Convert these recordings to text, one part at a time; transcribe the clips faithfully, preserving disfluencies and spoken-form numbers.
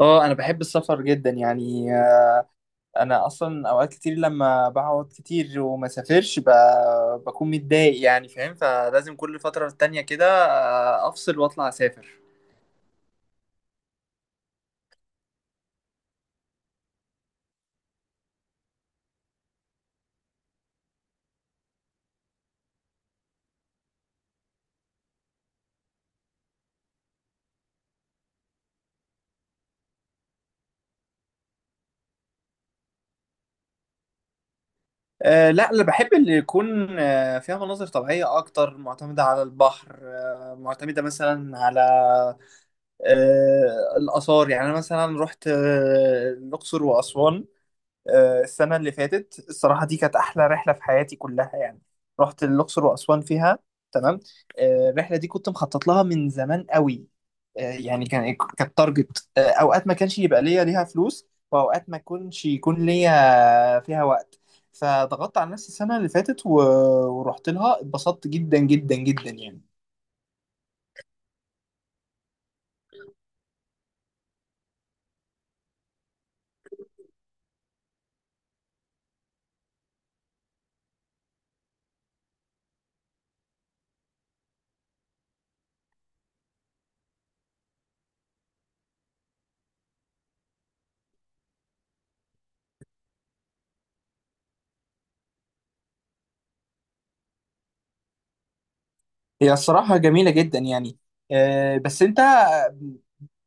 اه، انا بحب السفر جدا يعني. آه، انا اصلا اوقات كتير لما بقعد كتير وما سافرش ب... بكون متضايق يعني، فاهم. فلازم كل فترة تانية كده آه، افصل واطلع اسافر. أه لا، انا بحب اللي يكون آه، فيها مناظر طبيعية اكتر، معتمدة على البحر، آه، معتمدة مثلا على آه، الآثار. يعني انا مثلا رحت آه، الأقصر وأسوان آه، السنة اللي فاتت. الصراحة دي كانت أحلى رحلة في حياتي كلها يعني. رحت الأقصر وأسوان فيها. تمام. آه، الرحلة دي كنت مخطط لها من زمان قوي. آه، يعني كان إيه، كانت تارجت. آه، أوقات ما كانش يبقى ليا ليها فلوس، وأوقات ما كنش يكون ليا فيها وقت. فضغطت على نفسي السنة اللي فاتت و... ورحت لها، اتبسطت جدا جدا جدا يعني. هي الصراحة جميلة جدا يعني. آه، بس أنت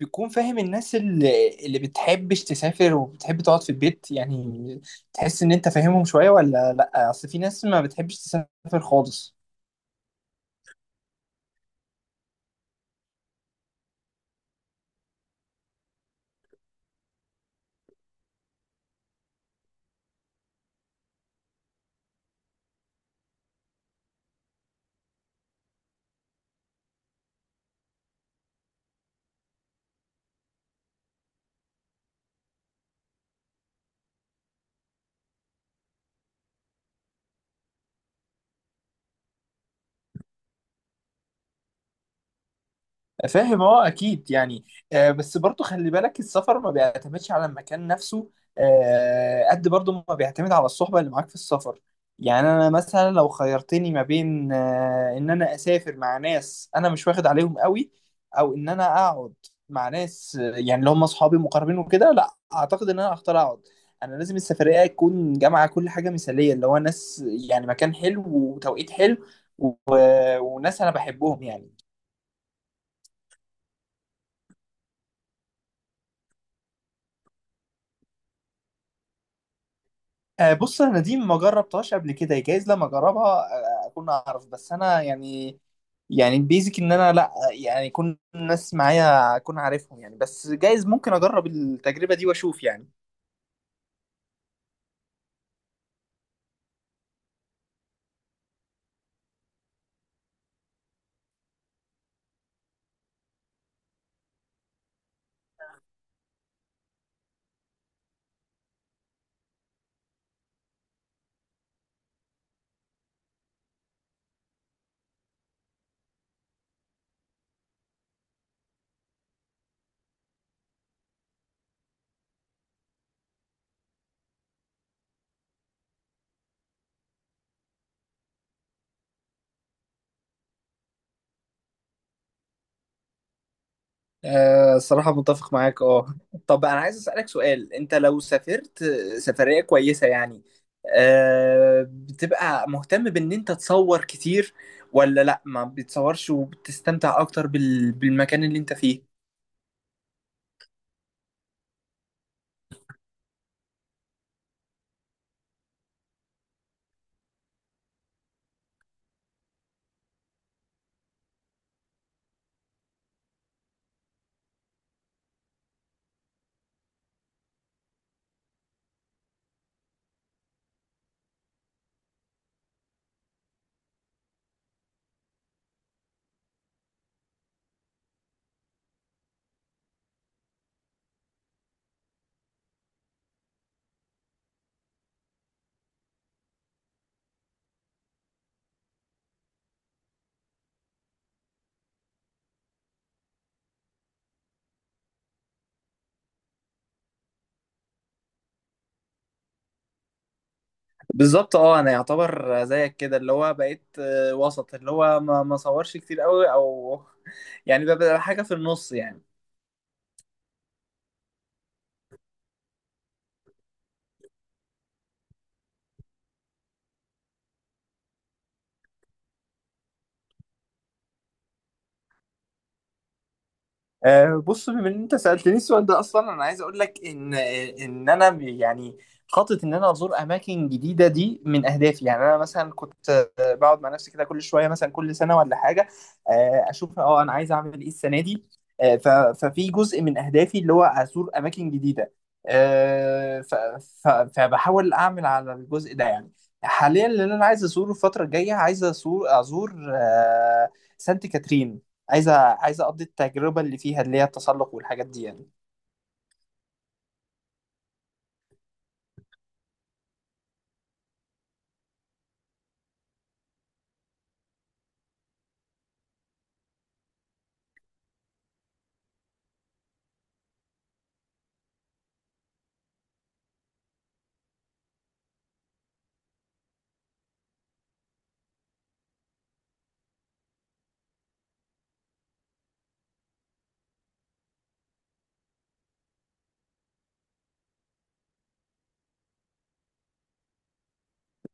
بتكون فاهم الناس اللي اللي بتحبش تسافر وبتحب تقعد في البيت يعني. تحس ان انت فاهمهم شوية ولا لا؟ اصل في ناس ما بتحبش تسافر خالص. فاهم، اه، اكيد يعني. آه بس برضو خلي بالك السفر ما بيعتمدش على المكان نفسه. آه قد برضو ما بيعتمد على الصحبة اللي معاك في السفر. يعني انا مثلا لو خيرتني ما بين آه ان انا اسافر مع ناس انا مش واخد عليهم قوي، او ان انا اقعد مع ناس آه، يعني اللي هم اصحابي مقربين وكده، لا اعتقد ان انا هختار اقعد. انا لازم السفرية تكون جامعة كل حاجة مثالية، اللي هو ناس، يعني مكان حلو وتوقيت حلو و... وناس انا بحبهم يعني. آه، بص، انا دي ما جربتهاش قبل كده. جايز لما اجربها آه، اكون اعرف. بس انا يعني يعني بيزك ان انا، لا، يعني يكون الناس معايا اكون عارفهم يعني. بس جايز ممكن اجرب التجربة دي واشوف يعني. آه، الصراحة متفق معاك، اه. طب انا عايز اسألك سؤال: انت لو سافرت سفرية كويسة يعني، آه، بتبقى مهتم بان انت تصور كتير، ولا لا ما بتصورش وبتستمتع اكتر بال- بالمكان اللي انت فيه؟ بالظبط، اه. انا يعتبر زيك كده، اللي هو بقيت آه، وسط، اللي هو ما ما صورش كتير قوي، او يعني ببقى حاجه في النص يعني. آه، بص، بما ان انت سالتني السؤال ده اصلا، انا عايز اقول لك ان ان انا ب- يعني خاطط ان انا ازور اماكن جديده، دي من اهدافي يعني. انا مثلا كنت آه، بقعد مع نفسي كده كل شويه، مثلا كل سنه ولا حاجه، آه، اشوف اه انا عايز اعمل ايه السنه دي. آه، ف- ففي جزء من اهدافي اللي هو ازور اماكن جديده. آه، ف- ف- فبحاول اعمل على الجزء ده يعني. حاليا اللي انا عايز ازوره الفتره الجايه، عايز ازور ازور آه، سانت كاترين. عايزه عايزه اقضي التجربه اللي فيها، اللي هي التسلق والحاجات دي يعني.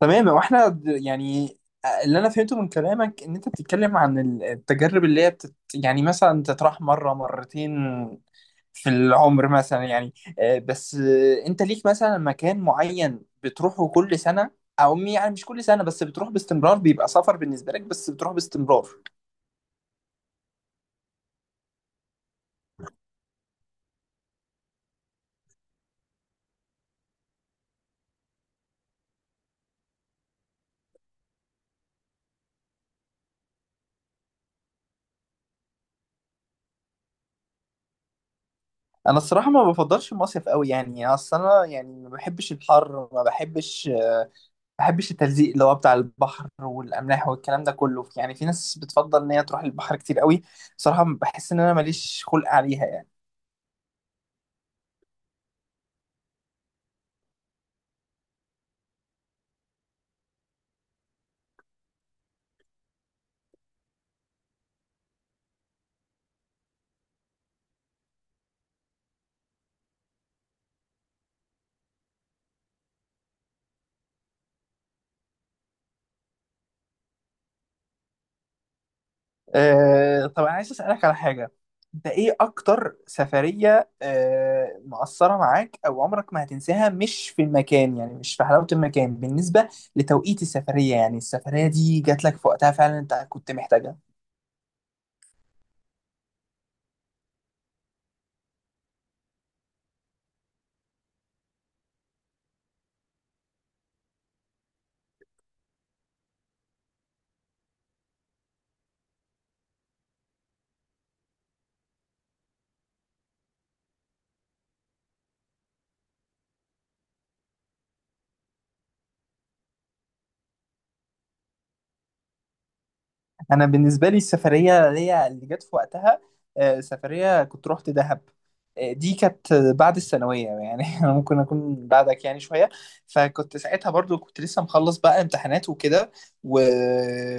تمام. واحنا د- يعني اللي انا فهمته من كلامك ان انت بتتكلم عن ال- التجارب اللي هي بتت يعني مثلا تطرح مره مرتين في العمر مثلا يعني. آه، بس آه، انت ليك مثلا مكان معين بتروحه كل سنه، او م- يعني مش كل سنه بس بتروح باستمرار، بيبقى سفر بالنسبه لك، بس بتروح باستمرار؟ انا الصراحه ما بفضلش المصيف قوي يعني. اصل انا يعني ما بحبش الحر، ما بحبش بحبش التلزيق اللي هو بتاع البحر والاملاح والكلام ده كله يعني. في ناس بتفضل ان هي تروح البحر كتير قوي. صراحه بحس ان انا ماليش خلق عليها يعني. أه طب انا عايز اسالك على حاجه: انت ايه اكتر سفريه أه مأثره معاك او عمرك ما هتنساها، مش في المكان، يعني مش في حلاوه المكان، بالنسبه لتوقيت السفريه؟ يعني السفريه دي جات لك في وقتها فعلا، انت كنت محتاجها. انا بالنسبه لي السفريه اللي هي اللي جت في وقتها آه، سفريه كنت رحت دهب. آه، دي كانت بعد الثانويه يعني. أنا ممكن اكون بعدك يعني شويه. فكنت ساعتها برضو كنت لسه مخلص بقى امتحانات وكده و...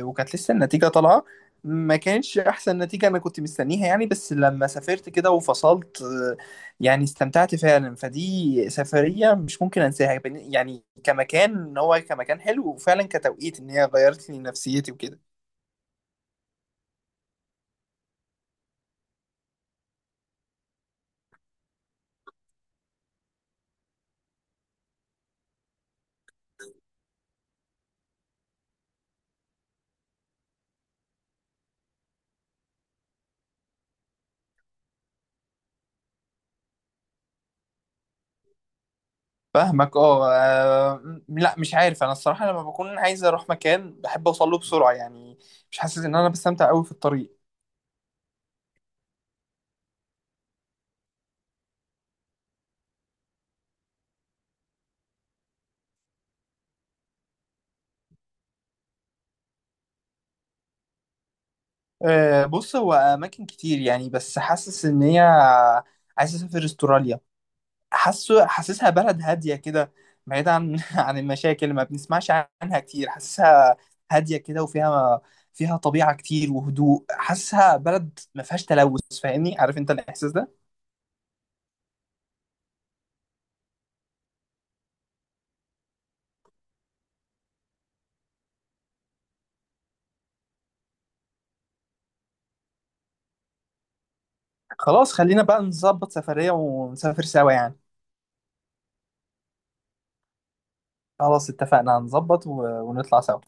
وكانت لسه النتيجه طالعه. ما كانتش احسن نتيجه انا كنت مستنيها يعني، بس لما سافرت كده وفصلت آه، يعني استمتعت فعلا. فدي سفريه مش ممكن انساها بن- يعني كمكان، ان هو كمكان حلو، وفعلا كتوقيت ان هي غيرت لي نفسيتي وكده. فاهمك، اه. آه، لا، مش عارف. انا الصراحه لما بكون عايز اروح مكان بحب اوصل له بسرعه يعني، مش حاسس ان انا بستمتع قوي في الطريق. آه، بص، هو اماكن كتير يعني، بس حاسس ان هي عايز اسافر استراليا. حاسه حاسسها بلد هاديه كده، بعيد عن عن المشاكل اللي ما بنسمعش عنها كتير. حاسسها هاديه كده، وفيها فيها طبيعه كتير وهدوء. حاسسها بلد ما فيهاش تلوث، فاهمني؟ عارف انت الاحساس ده. خلاص، خلينا بقى نظبط سفريه ونسافر سوا يعني. خلاص اتفقنا، هنظبط و- ونطلع سوا.